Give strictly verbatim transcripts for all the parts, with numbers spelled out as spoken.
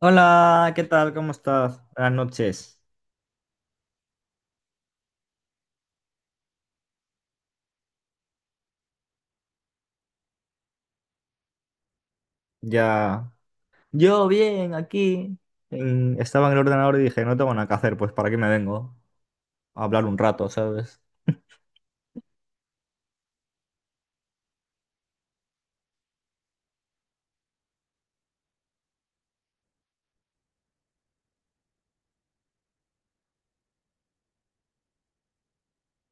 Hola, ¿qué tal? ¿Cómo estás? Buenas noches. Ya. Yo bien, aquí. en- Estaba en el ordenador y dije, no tengo nada que hacer, pues ¿para qué me vengo? A hablar un rato, ¿sabes?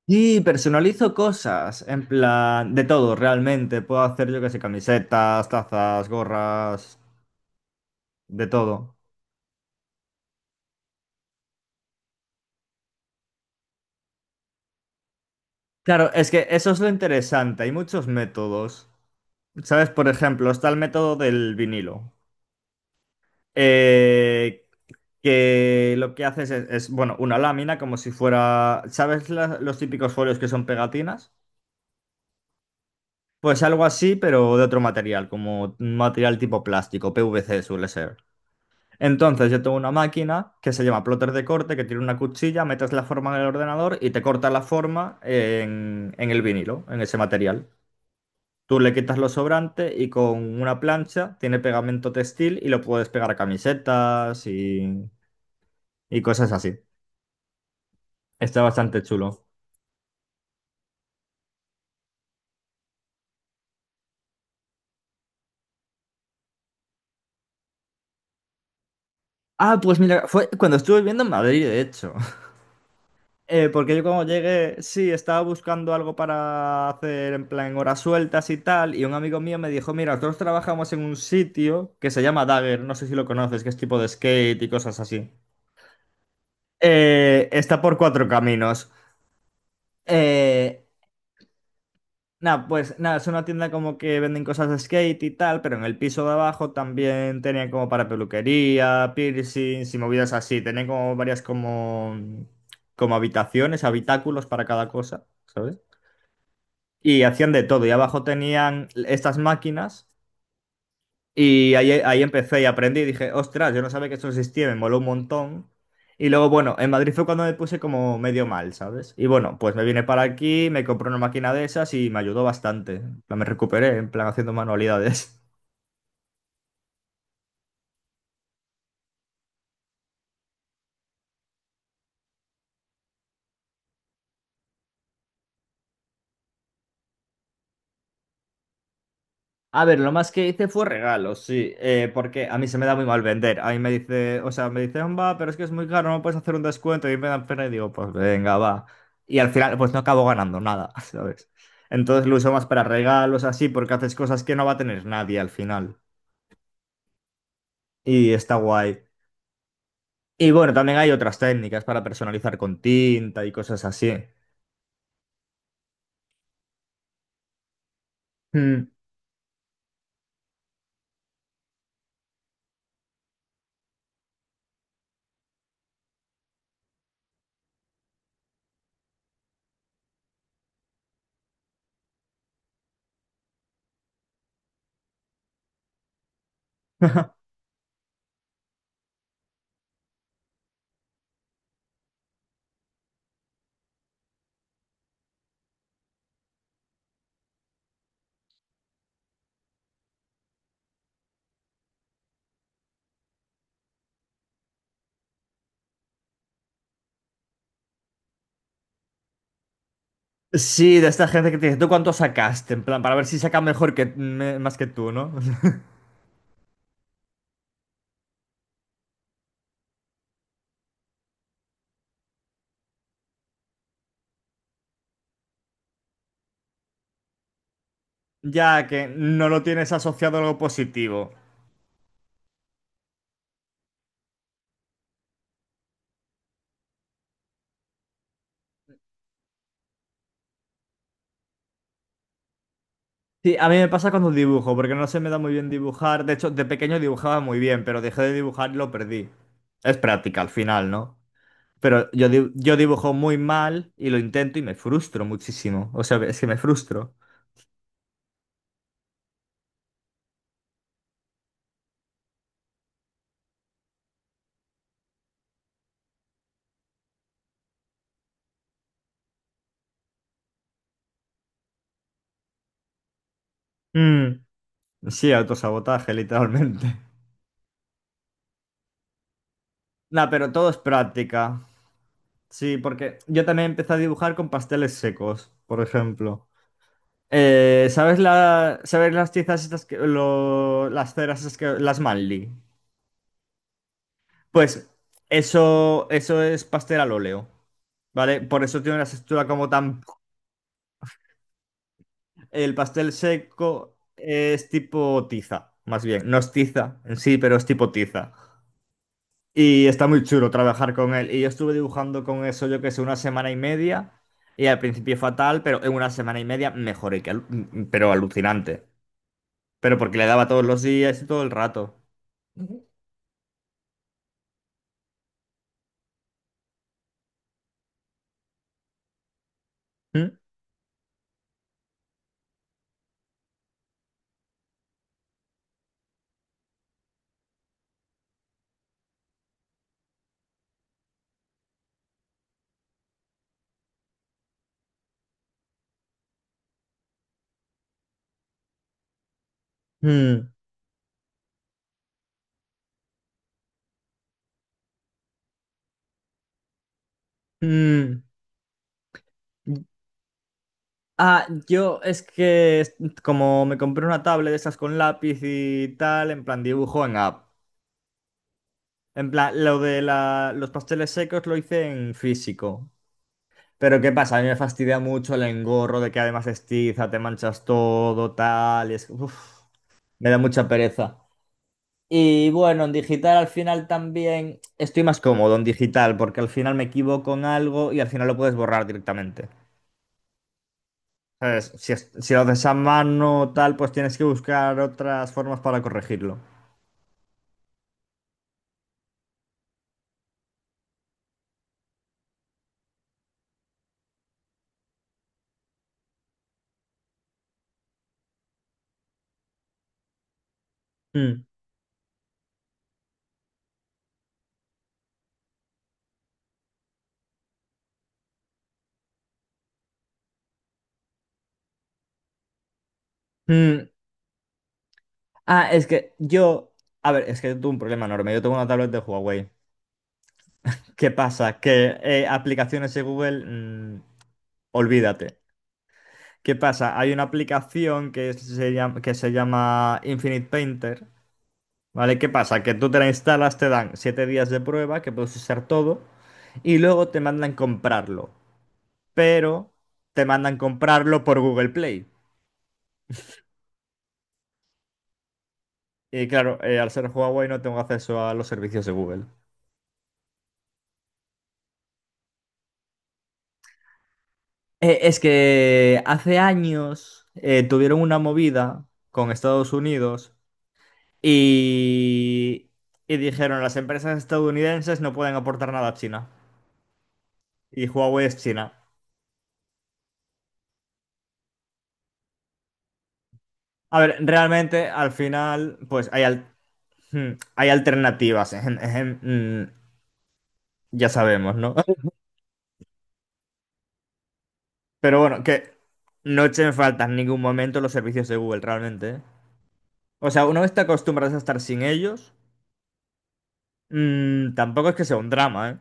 Y personalizo cosas, en plan, de todo, realmente. Puedo hacer, yo que sé, camisetas, tazas, gorras, de todo. Claro, es que eso es lo interesante, hay muchos métodos. ¿Sabes? Por ejemplo, está el método del vinilo. Eh, que lo que haces es, es, bueno, una lámina como si fuera, ¿sabes la- los típicos folios que son pegatinas? Pues algo así, pero de otro material, como un material tipo plástico, P V C suele ser. Entonces yo tengo una máquina que se llama plotter de corte, que tiene una cuchilla, metes la forma en el ordenador y te corta la forma en, en el vinilo, en ese material. Tú le quitas lo sobrante y con una plancha tiene pegamento textil y lo puedes pegar a camisetas y, y cosas así. Está bastante chulo. Ah, pues mira, fue cuando estuve viviendo en Madrid, de hecho. Eh, porque yo cuando llegué, sí, estaba buscando algo para hacer en plan horas sueltas y tal, y un amigo mío me dijo, mira, nosotros trabajamos en un sitio que se llama Dagger, no sé si lo conoces, que es tipo de skate y cosas así. Eh, está por cuatro caminos. Eh, Nada, pues nada, es una tienda como que venden cosas de skate y tal, pero en el piso de abajo también tenían como para peluquería, piercings y movidas así. Tenían como varias como, como habitaciones, habitáculos para cada cosa, ¿sabes? Y hacían de todo. Y abajo tenían estas máquinas y ahí, ahí empecé y aprendí y dije, ostras, yo no sabía que eso existía, me moló un montón. Y luego, bueno, en Madrid fue cuando me puse como medio mal, ¿sabes? Y bueno, pues me vine para aquí, me compré una máquina de esas y me ayudó bastante. En plan, me recuperé, en plan, haciendo manualidades. A ver, lo más que hice fue regalos, sí, eh, porque a mí se me da muy mal vender. A mí me dice, o sea, me dice, va, pero es que es muy caro, no puedes hacer un descuento. Y me dan pena y digo, pues venga, va. Y al final, pues no acabo ganando nada, ¿sabes? Entonces lo uso más para regalos, así, porque haces cosas que no va a tener nadie al final. Y está guay. Y bueno, también hay otras técnicas para personalizar con tinta y cosas así. Mm. Sí, de esta gente que te dice, ¿tú cuánto sacaste? En plan, para ver si saca mejor que me- más que tú, ¿no? Ya que no lo tienes asociado a algo positivo. Sí, a mí me pasa cuando dibujo, porque no se me da muy bien dibujar. De hecho, de pequeño dibujaba muy bien, pero dejé de dibujar y lo perdí. Es práctica al final, ¿no? Pero yo, di- yo dibujo muy mal y lo intento y me frustro muchísimo. O sea, es que me frustro. Mm, Sí, autosabotaje, literalmente. Nah, pero todo es práctica. Sí, porque yo también empecé a dibujar con pasteles secos, por ejemplo. Eh, ¿sabes la, sabes las tizas estas que, lo- las ceras esas que, las Manly? Pues eso, eso es pastel al óleo, ¿vale? Por eso tiene una textura como tan... El pastel seco es tipo tiza, más bien. No es tiza en sí, pero es tipo tiza. Y está muy chulo trabajar con él. Y yo estuve dibujando con eso, yo que sé, una semana y media. Y al principio fatal, pero en una semana y media mejoré, que alu- pero alucinante. Pero porque le daba todos los días y todo el rato. Mm, mm, mm. Ah, yo es que es- como me compré una tablet de esas con lápiz y tal, en plan dibujo en app. En plan, lo de la- los pasteles secos lo hice en físico. Pero ¿qué pasa? A mí me fastidia mucho el engorro de que además es te manchas todo, tal, y es... uf, me da mucha pereza. Y bueno, en digital al final también estoy más cómodo en digital porque al final me equivoco en algo y al final lo puedes borrar directamente. ¿Sabes? Si, es- si lo haces a mano tal, pues tienes que buscar otras formas para corregirlo. Mm, mm. Ah, es que yo... A ver, es que yo tuve un problema enorme. Yo tengo una tablet de Huawei. ¿Qué pasa? Que eh, aplicaciones de Google, mm, olvídate. ¿Qué pasa? Hay una aplicación que se llama, que se llama Infinite Painter, ¿vale? ¿Qué pasa? Que tú te la instalas, te dan siete días de prueba, que puedes usar todo, y luego te mandan comprarlo. Pero te mandan comprarlo por Google Play. Y claro, eh, al ser Huawei no tengo acceso a los servicios de Google. Eh, es que hace años eh, tuvieron una movida con Estados Unidos y, y dijeron las empresas estadounidenses no pueden aportar nada a China. Y Huawei es China. A ver, realmente al final, pues hay, al- hmm, hay alternativas. Ejem, ejem, mm, ya sabemos, ¿no? Pero bueno, que no echen falta en ningún momento los servicios de Google, realmente. ¿Eh? O sea, una vez te acostumbras a estar sin ellos. Mm, tampoco es que sea un drama, ¿eh?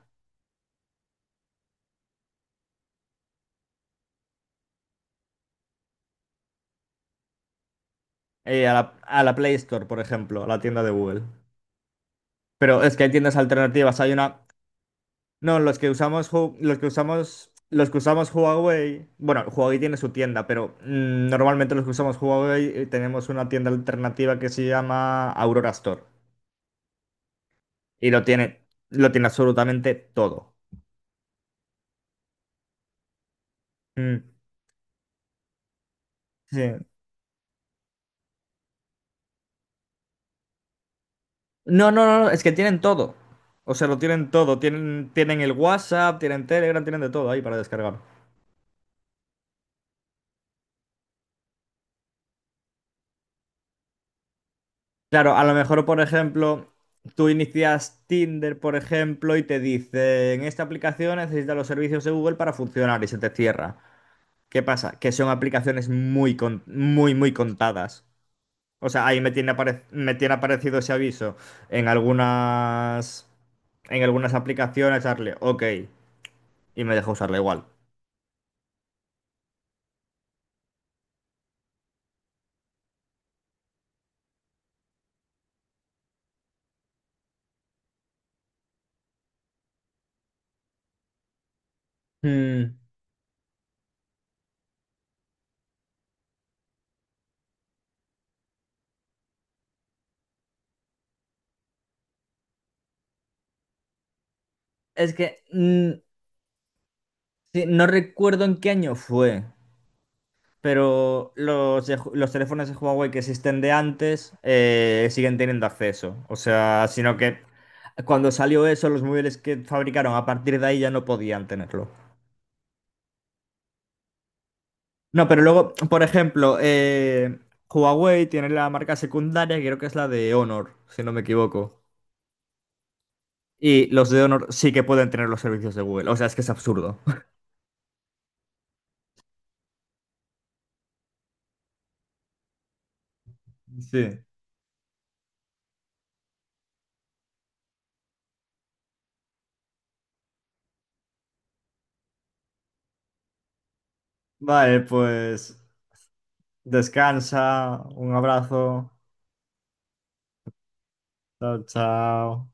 Eh, a la, a la Play Store, por ejemplo, a la tienda de Google. Pero es que hay tiendas alternativas. Hay una. No, los que usamos, Hu- los que usamos, los que usamos Huawei. Bueno, Huawei tiene su tienda, pero mm, normalmente los que usamos Huawei eh, tenemos una tienda alternativa que se llama Aurora Store. Y lo tiene, lo tiene absolutamente todo. Mm, sí. No, no, no, no, es que tienen todo. O sea, lo tienen todo. Tienen, tienen el WhatsApp, tienen Telegram, tienen de todo ahí para descargar. Claro, a lo mejor, por ejemplo, tú inicias Tinder, por ejemplo, y te dicen, esta aplicación necesita los servicios de Google para funcionar y se te cierra. ¿Qué pasa? Que son aplicaciones muy, con- muy, muy contadas. O sea, ahí me tiene, apare- me tiene aparecido ese aviso en algunas, en algunas aplicaciones, darle OK, y me deja usarla igual. Mm, Es que mm, sí, no recuerdo en qué año fue. Pero los, de Ju- los teléfonos de Huawei que existen de antes eh, siguen teniendo acceso. O sea, sino que cuando salió eso, los móviles que fabricaron a partir de ahí ya no podían tenerlo. No, pero luego, por ejemplo, eh, Huawei tiene la marca secundaria, que creo que es la de Honor, si no me equivoco. Y los de Honor sí que pueden tener los servicios de Google. O sea, es que es absurdo. Sí. Vale, pues descansa. Un abrazo. Chao, chao.